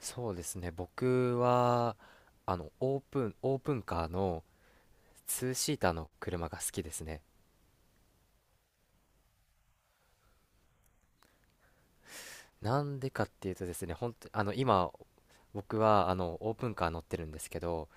そうですね。僕はオープンカーのツーシーターの車が好きですね。なんでかっていうとですね、本当あの、今、僕はオープンカー乗ってるんですけど、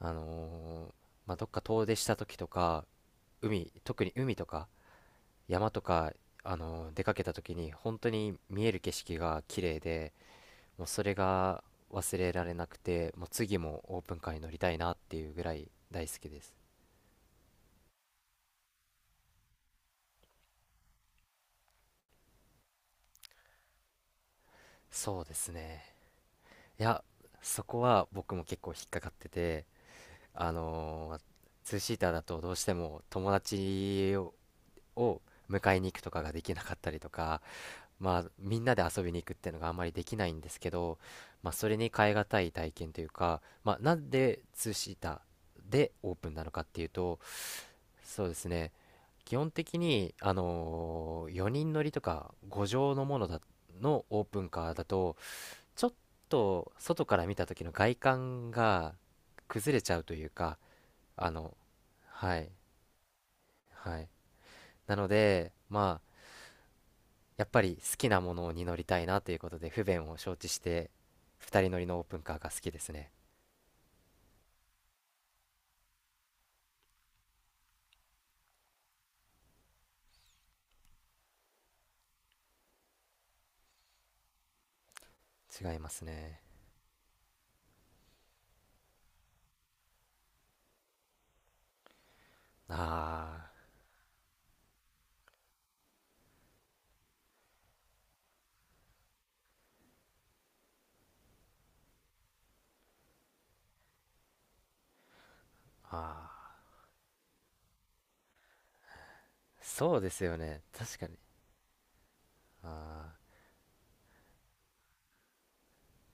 あのーまあ、どっか遠出した時とか、海、特に海とか、山とか、出かけた時に、本当に見える景色が綺麗で、もうそれが忘れられなくて、もう次もオープンカーに乗りたいなっていうぐらい大好きです。そうですね。いや、そこは僕も結構引っかかってて、あのーツーシーターだとどうしても友達を迎えに行くとかができなかったりとか、まあ、みんなで遊びに行くっていうのがあんまりできないんですけど、まあ、それに代えがたい体験というか、まあ、なんでツーシーターでオープンなのかっていうと、そうですね、基本的に、4人乗りとか5乗のものだのオープンカーだと、ちょっと外から見た時の外観が崩れちゃうというか、あの、はい、はい。なので、まあ、やっぱり好きなものに乗りたいなということで、不便を承知して、二人乗りのオープンカーが好きですね。違いますね。あー、あー、そうですよね。確かに。あ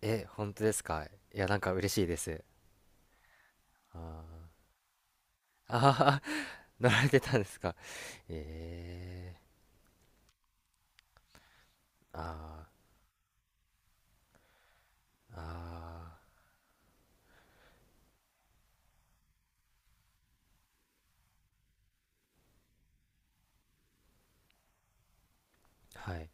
ー、え、本当ですか？いや、なんか嬉しいです。あー、あー、乗られてたんですか。えー、あー、あー、はい。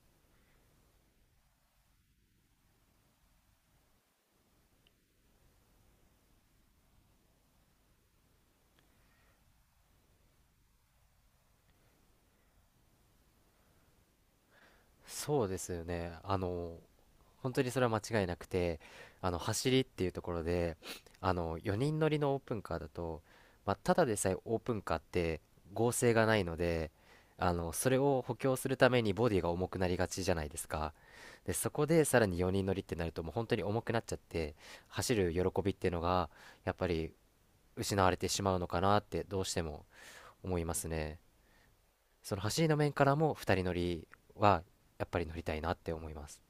そうですよね。本当にそれは間違いなくて、走りっていうところで、4人乗りのオープンカーだと、まあ、ただでさえオープンカーって剛性がないので、それを補強するためにボディが重くなりがちじゃないですか。で、そこでさらに4人乗りってなると、もう本当に重くなっちゃって、走る喜びっていうのが、やっぱり失われてしまうのかなって、どうしても思いますね。その走りの面からも2人乗りはやっぱり乗りたいなって思います。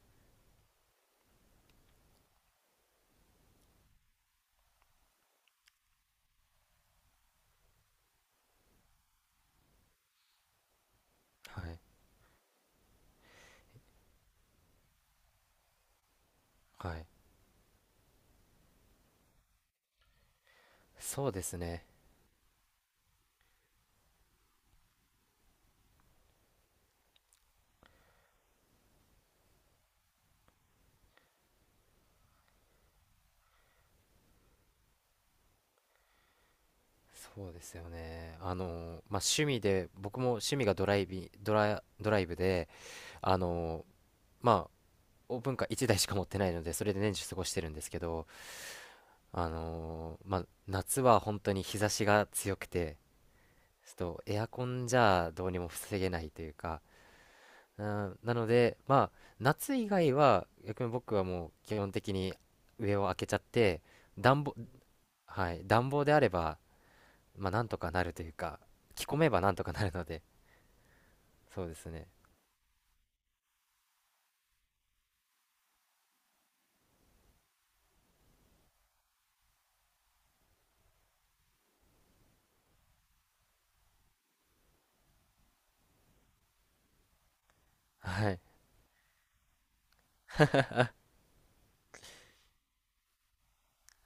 はいはい、そうですね。そうですよね。まあ、趣味で、僕も趣味がドライブで、あのまあ、オープンカー1台しか持ってないので、それで年中過ごしてるんですけど、まあ、夏は本当に日差しが強くて、ちょっとエアコンじゃどうにも防げないというか、うん、なので、まあ、夏以外は、逆に僕はもう基本的に上を開けちゃって、暖房、はい、暖房であれば、まあ、なんとかなるというか、着込めばなんとかなるので、そうですね。はい。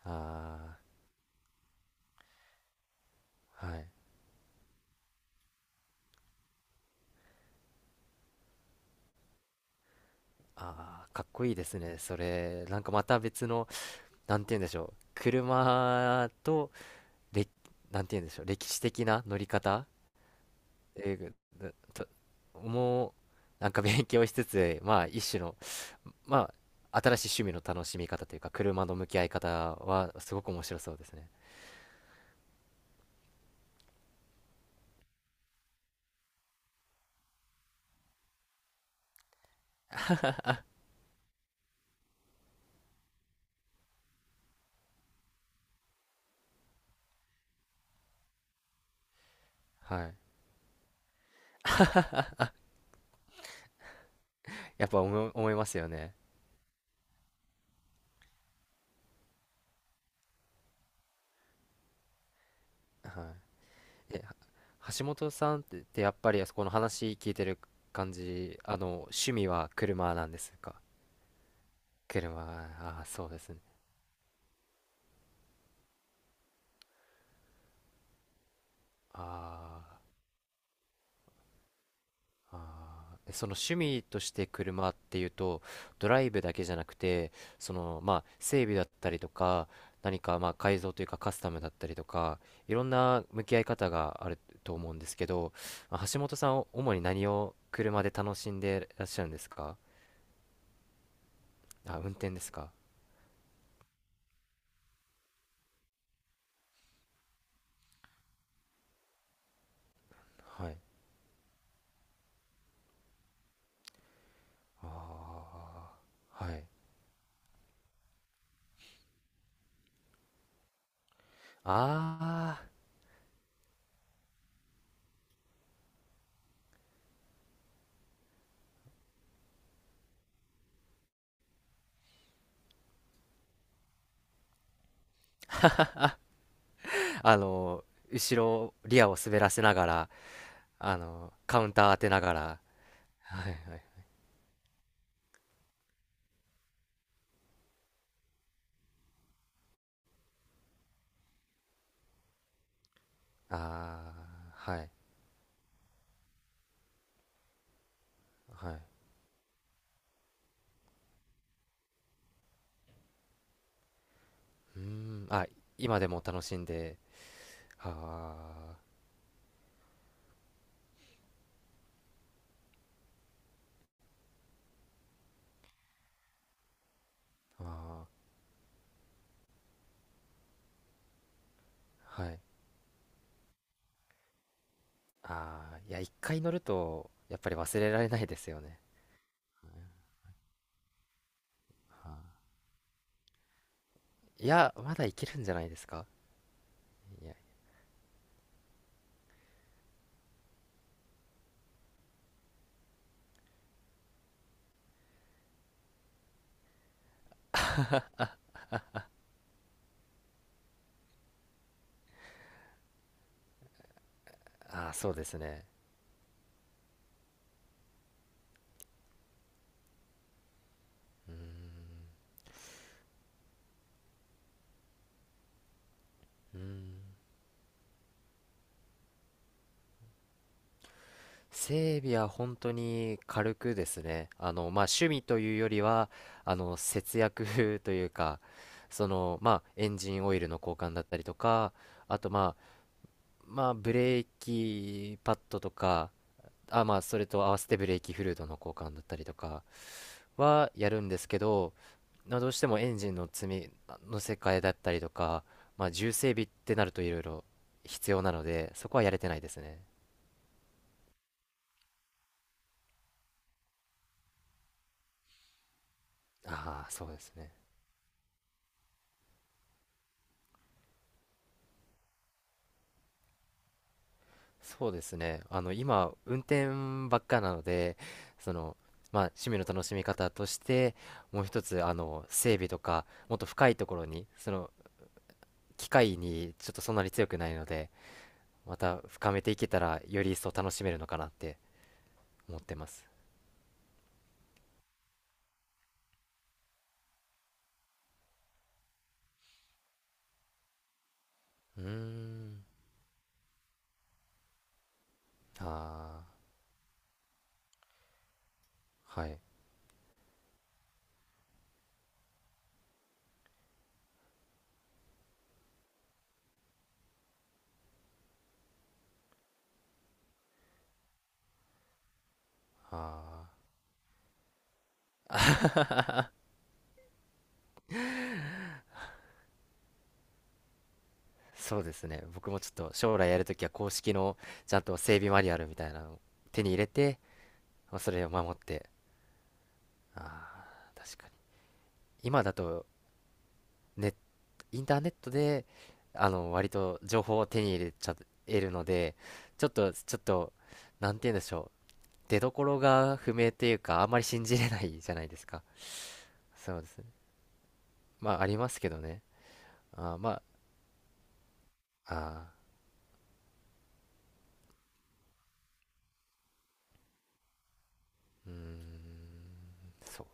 ああ、はい。ああ、かっこいいですね。それ、なんかまた別の、なんて言うんでしょう。車と、れ、なんて言うんでしょう。歴史的な乗り方、英語だと、もうなんか勉強しつつ、まあ一種の、まあ新しい趣味の楽しみ方というか、車の向き合い方はすごく面白そうですね。はい、やっぱ思いますよね。はい、橋本さんって、やっぱりあそこの話聞いてる感じ、趣味は車なんですか？車、ああ、そうですね。ああー、あー、え、その趣味として車っていうと、ドライブだけじゃなくて、そのまあ整備だったりとか、何かまあ改造というかカスタムだったりとか、いろんな向き合い方があると思うんですけど、まあ橋本さんは主に何を車で楽しんでらっしゃるんですか？あ、運転ですか？はい、ああ、はい、ああの後ろリアを滑らせながら、カウンター当てながら、はいはい、ああ、はい、はい。うーん、あ、今でも楽しんで、はあ、あー、はい。ああ、いや、一回乗ると、やっぱり忘れられないですよね。はいや、まだいけるんじゃないですか？いや、ああ、そうですね。うーん、うーん。整備は本当に軽くですね。まあ、趣味というよりは、節約 というか、その、まあ、エンジンオイルの交換だったりとか、あと、まあ、ブレーキパッドとか、まあ、それと合わせてブレーキフルードの交換だったりとかはやるんですけど、まあ、どうしてもエンジンの積み乗せ替えだったりとか、まあ、重整備ってなるといろいろ必要なので、そこはやれてないですね。ああ、そうですね。そうですね。今、運転ばっかなので、その、まあ、趣味の楽しみ方として、もう一つ、整備とか、もっと深いところに、その、機械にちょっとそんなに強くないので、また深めていけたらより一層楽しめるのかなって思ってます。うーん、ああー、はい、ああー、そうですね。僕もちょっと将来やるときは公式の、ちゃんと整備マニュアルみたいなのを手に入れて、まあそれを守って、ああ、確かに。今だと、ネットインターネットで、割と情報を手に入れちゃえるので、ちょっとなんて言うんでしょう、出どころが不明っていうか、あんまり信じれないじゃないですか。そうですね、まあありますけどね。あー、まあ、あー、うーん、そう